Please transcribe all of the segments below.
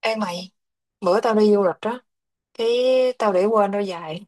Ê mày, bữa tao đi du lịch đó, cái tao để quên đôi giày.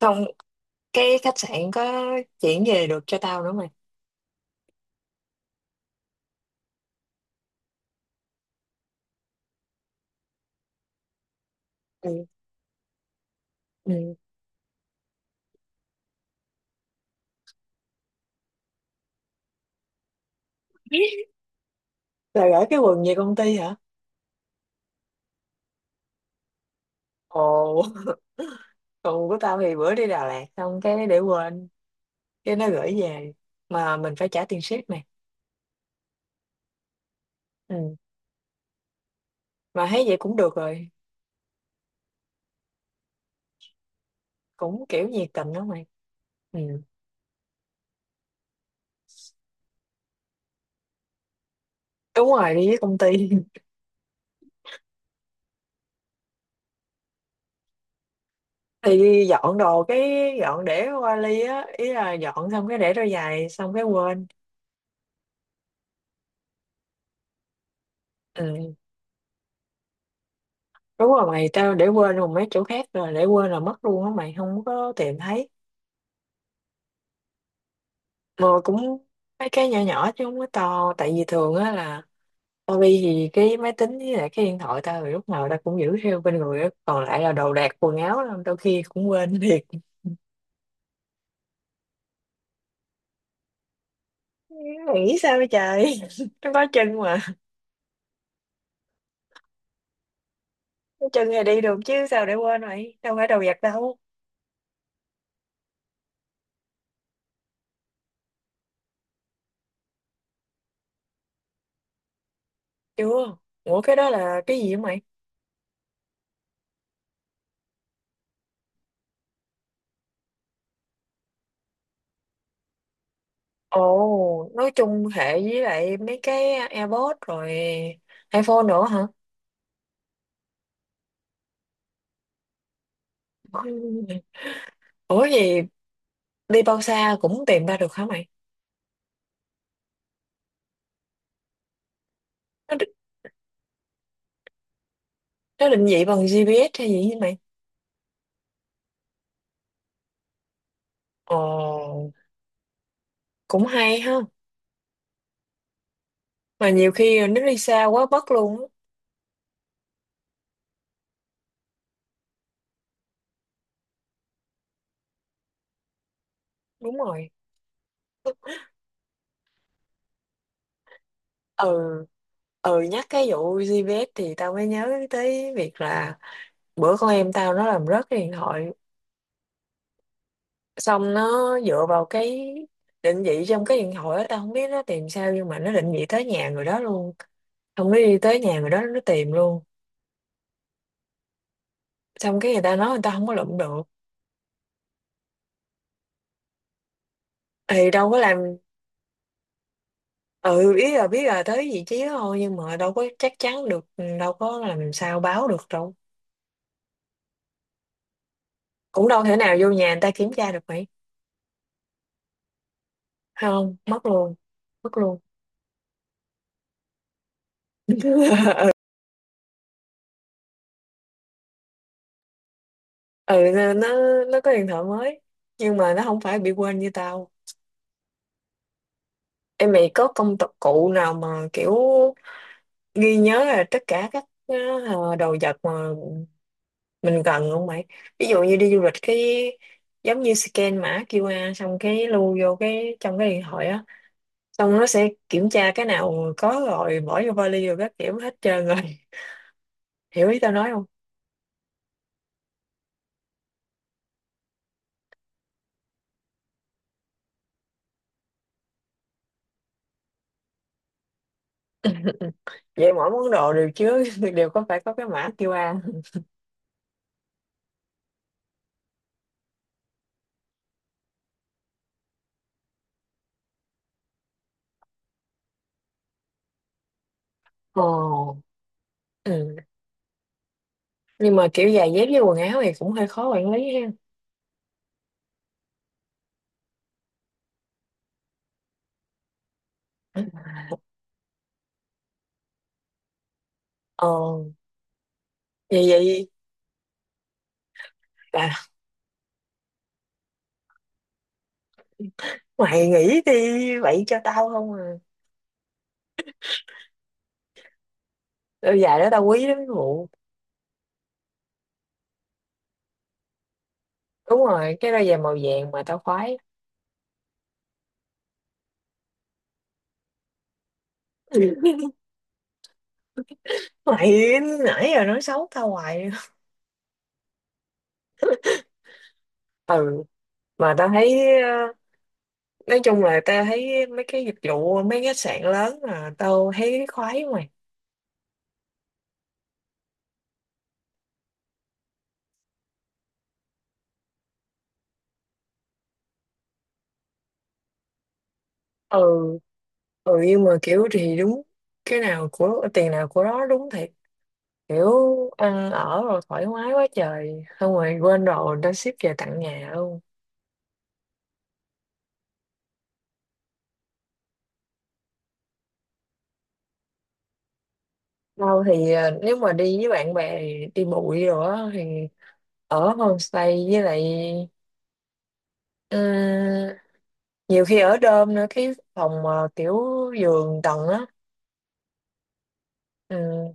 Xong cái khách sạn có chuyển về được cho tao nữa mày. Ừ. Ừ. Là gửi cái quần về công ty hả? Ồ, quần của tao thì bữa đi Đà Lạt xong cái để quên, cái nó gửi về. Mà mình phải trả tiền ship mày. Ừ. Mà thấy vậy cũng được rồi, cũng kiểu nhiệt tình đó mày. Ừ. Đúng rồi, đi với công ty. Thì dọn đồ cái để vali á, ý là dọn xong cái để đôi giày xong cái quên. Ừ. Đúng rồi mày, tao để quên rồi mấy chỗ khác rồi, để quên là mất luôn á mày, không có tìm thấy. Mà cũng mấy cái nhỏ nhỏ chứ không có to, tại vì thường á là tao đi thì cái máy tính với lại cái điện thoại tao thì lúc nào tao cũng giữ theo bên người á, còn lại là đồ đạc quần áo là đôi khi cũng quên thiệt. Mày nghĩ sao vậy trời, nó có chân mà, có chân thì đi được chứ sao để quên, mày đâu phải đồ vật đâu. Chưa. Ủa cái đó là cái gì vậy mày? Ồ, nói chung hệ với lại mấy cái AirPods rồi iPhone nữa hả? Ủa gì, đi bao xa cũng tìm ra được hả mày? Nó, đ- nó định vị bằng GPS hay gì vậy mày? Ồ, cũng hay ha. Mà nhiều khi nó đi xa quá mất luôn á. Đúng rồi. Ừ, ừ, nhắc cái vụ GPS thì tao mới nhớ tới việc là bữa con em tao nó làm rớt cái điện thoại. Xong nó dựa vào cái định vị trong cái điện thoại đó, tao không biết nó tìm sao nhưng mà nó định vị tới nhà người đó luôn. Xong nó đi tới nhà người đó nó tìm luôn. Xong cái người ta nói người ta không có lụm được. Thì đâu có làm, ừ, ý là biết là tới vị trí đó thôi nhưng mà đâu có chắc chắn được, ừ, đâu có làm sao báo được đâu. Cũng đâu thể nào vô nhà người ta kiểm tra được mày. Không, mất luôn, mất luôn. Ừ nó nó có điện thoại mới nhưng mà nó không phải bị quên như tao. Em mày có công tập cụ nào mà kiểu ghi nhớ là tất cả các đồ vật mà mình cần không mày? Ví dụ như đi du lịch cái giống như scan mã QR xong cái lưu vô cái trong cái điện thoại á, xong nó sẽ kiểm tra cái nào có rồi bỏ vô vali rồi các kiểu hết trơn rồi. Hiểu ý tao nói không? Vậy mỗi món đồ đều chứa đều có, phải có cái mã QR. Ồ. Ừ. Nhưng mà kiểu giày dép với quần áo thì cũng hơi khó quản lý ha. Ờ, vậy vậy là mày nghĩ đi vậy cho tao không à? Đôi giày đó tao quý lắm vụ. Đúng rồi, cái đôi giày màu vàng mà tao khoái. Mày nãy giờ nói xấu tao hoài. Ừ, mà tao thấy nói chung là tao thấy mấy cái dịch vụ mấy khách sạn lớn là tao thấy khoái mày. Ừ ừ nhưng mà kiểu thì đúng, cái nào của tiền nào của đó, đúng thiệt kiểu ăn ở rồi thoải mái quá trời xong rồi quên rồi đã ship về tận nhà luôn. Đâu thì à, nếu mà đi với bạn bè thì đi bụi rồi á, thì ở homestay với lại, ừ, nhiều khi ở đơm nữa, cái phòng mà kiểu giường tầng á. Ừ,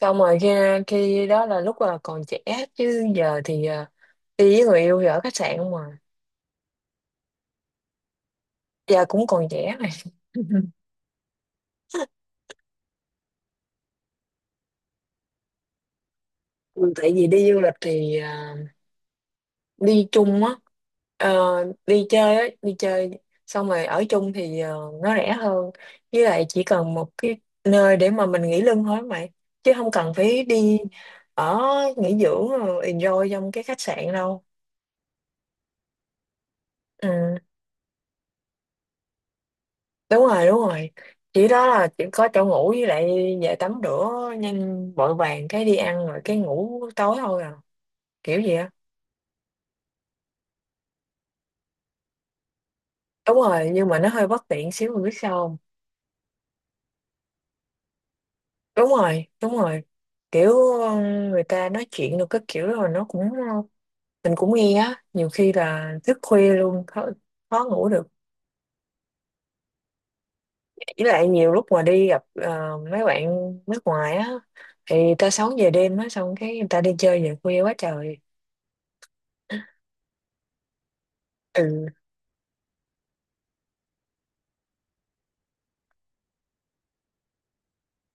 xong rồi khi khi đó là lúc là còn trẻ chứ giờ thì à, đi với người yêu thì ở khách sạn không mà. Giờ cũng còn trẻ mà. Ừ, tại vì đi du lịch thì à, đi chung á. Ờ, đi chơi á, đi chơi xong rồi ở chung thì ờ, nó rẻ hơn. Với lại chỉ cần một cái nơi để mà mình nghỉ lưng thôi mày chứ không cần phải đi ở nghỉ dưỡng rồi enjoy trong cái khách sạn đâu. Ừ. Đúng rồi đúng rồi, chỉ đó là chỉ có chỗ ngủ với lại về tắm rửa nhanh vội vàng cái đi ăn rồi cái ngủ tối thôi à, kiểu gì á. Đúng rồi nhưng mà nó hơi bất tiện xíu, mình biết sao không. Đúng rồi đúng rồi, kiểu, ừ, người ta nói chuyện được cái kiểu rồi nó cũng, mình cũng nghe á, nhiều khi là thức khuya luôn, khó, khó ngủ được. Với lại nhiều lúc mà đi gặp mấy bạn nước ngoài á thì người ta sống về đêm á, xong cái người ta đi chơi về khuya quá trời. Ừ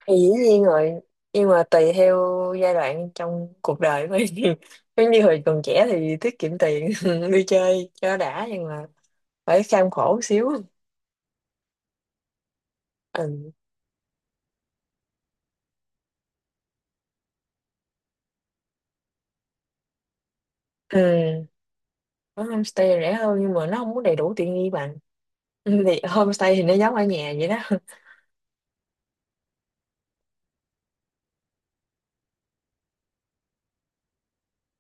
thì dĩ nhiên rồi, nhưng mà tùy theo giai đoạn trong cuộc đời của em. Giống như hồi còn trẻ thì tiết kiệm tiền đi chơi cho đã nhưng mà phải kham khổ xíu. Ừ. Ừ. Ở homestay rẻ hơn nhưng mà nó không có đầy đủ tiện nghi bằng. Ừ, thì homestay thì nó giống ở nhà vậy đó.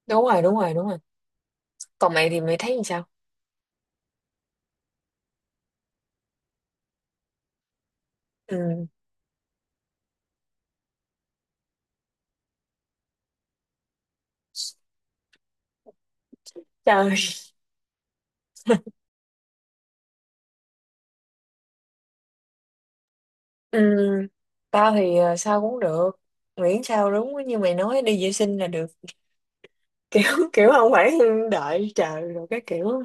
Đúng rồi đúng rồi đúng rồi. Còn mày thì mày thấy như sao? Ừ. Trời. Ừ. Tao thì ờ, sao cũng được, miễn sao đúng như mày nói đi vệ sinh là được. Kiểu kiểu không phải đợi chờ rồi cái kiểu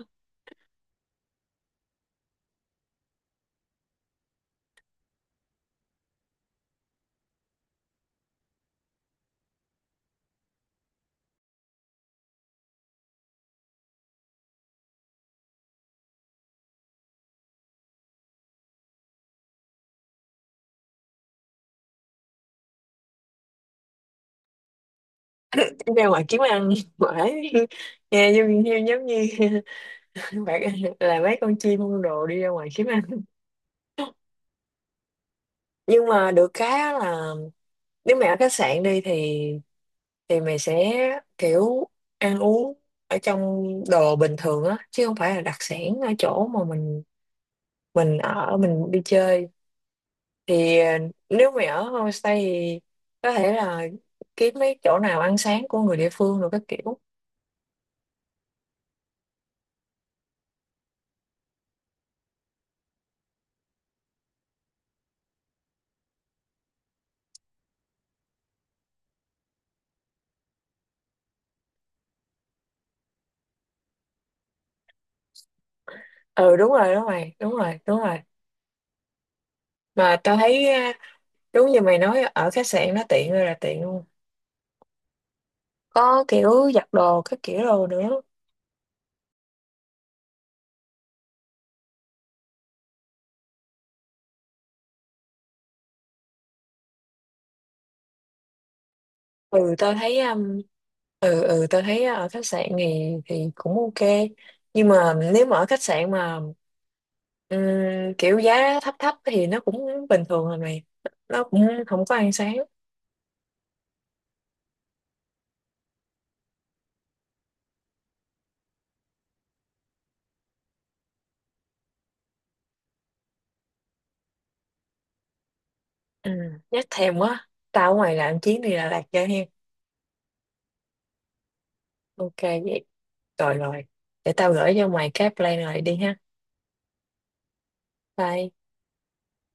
ra ngoài kiếm ăn mãi. Nghe giống như bạn là mấy con chim con đồ đi ra ngoài kiếm ăn. Nhưng mà được cái á là nếu mày ở khách sạn đi thì mày sẽ kiểu ăn uống ở trong đồ bình thường á chứ không phải là đặc sản ở chỗ mà mình ở, mình đi chơi thì ờ, nếu mày ở homestay thì có thể là kiếm mấy chỗ nào ăn sáng của người địa phương rồi các kiểu. Ừ đúng rồi đúng rồi đúng rồi đúng rồi, mà tao thấy đúng như mày nói ở khách sạn nó tiện ơi là tiện luôn. Có kiểu giặt đồ các kiểu đồ nữa. Ừ tao thấy ừ, tao thấy ở khách sạn thì cũng ok. Nhưng mà nếu mà ở khách sạn mà ừm, kiểu giá thấp thấp thì nó cũng bình thường rồi mày. Nó cũng không có ăn sáng. Ừ, nhắc thèm quá. Tao ở ngoài làm chuyến đi Đà Lạt cho hen. Ok vậy. Rồi rồi. Để tao gửi cho mày cái plan này đi ha. Bye.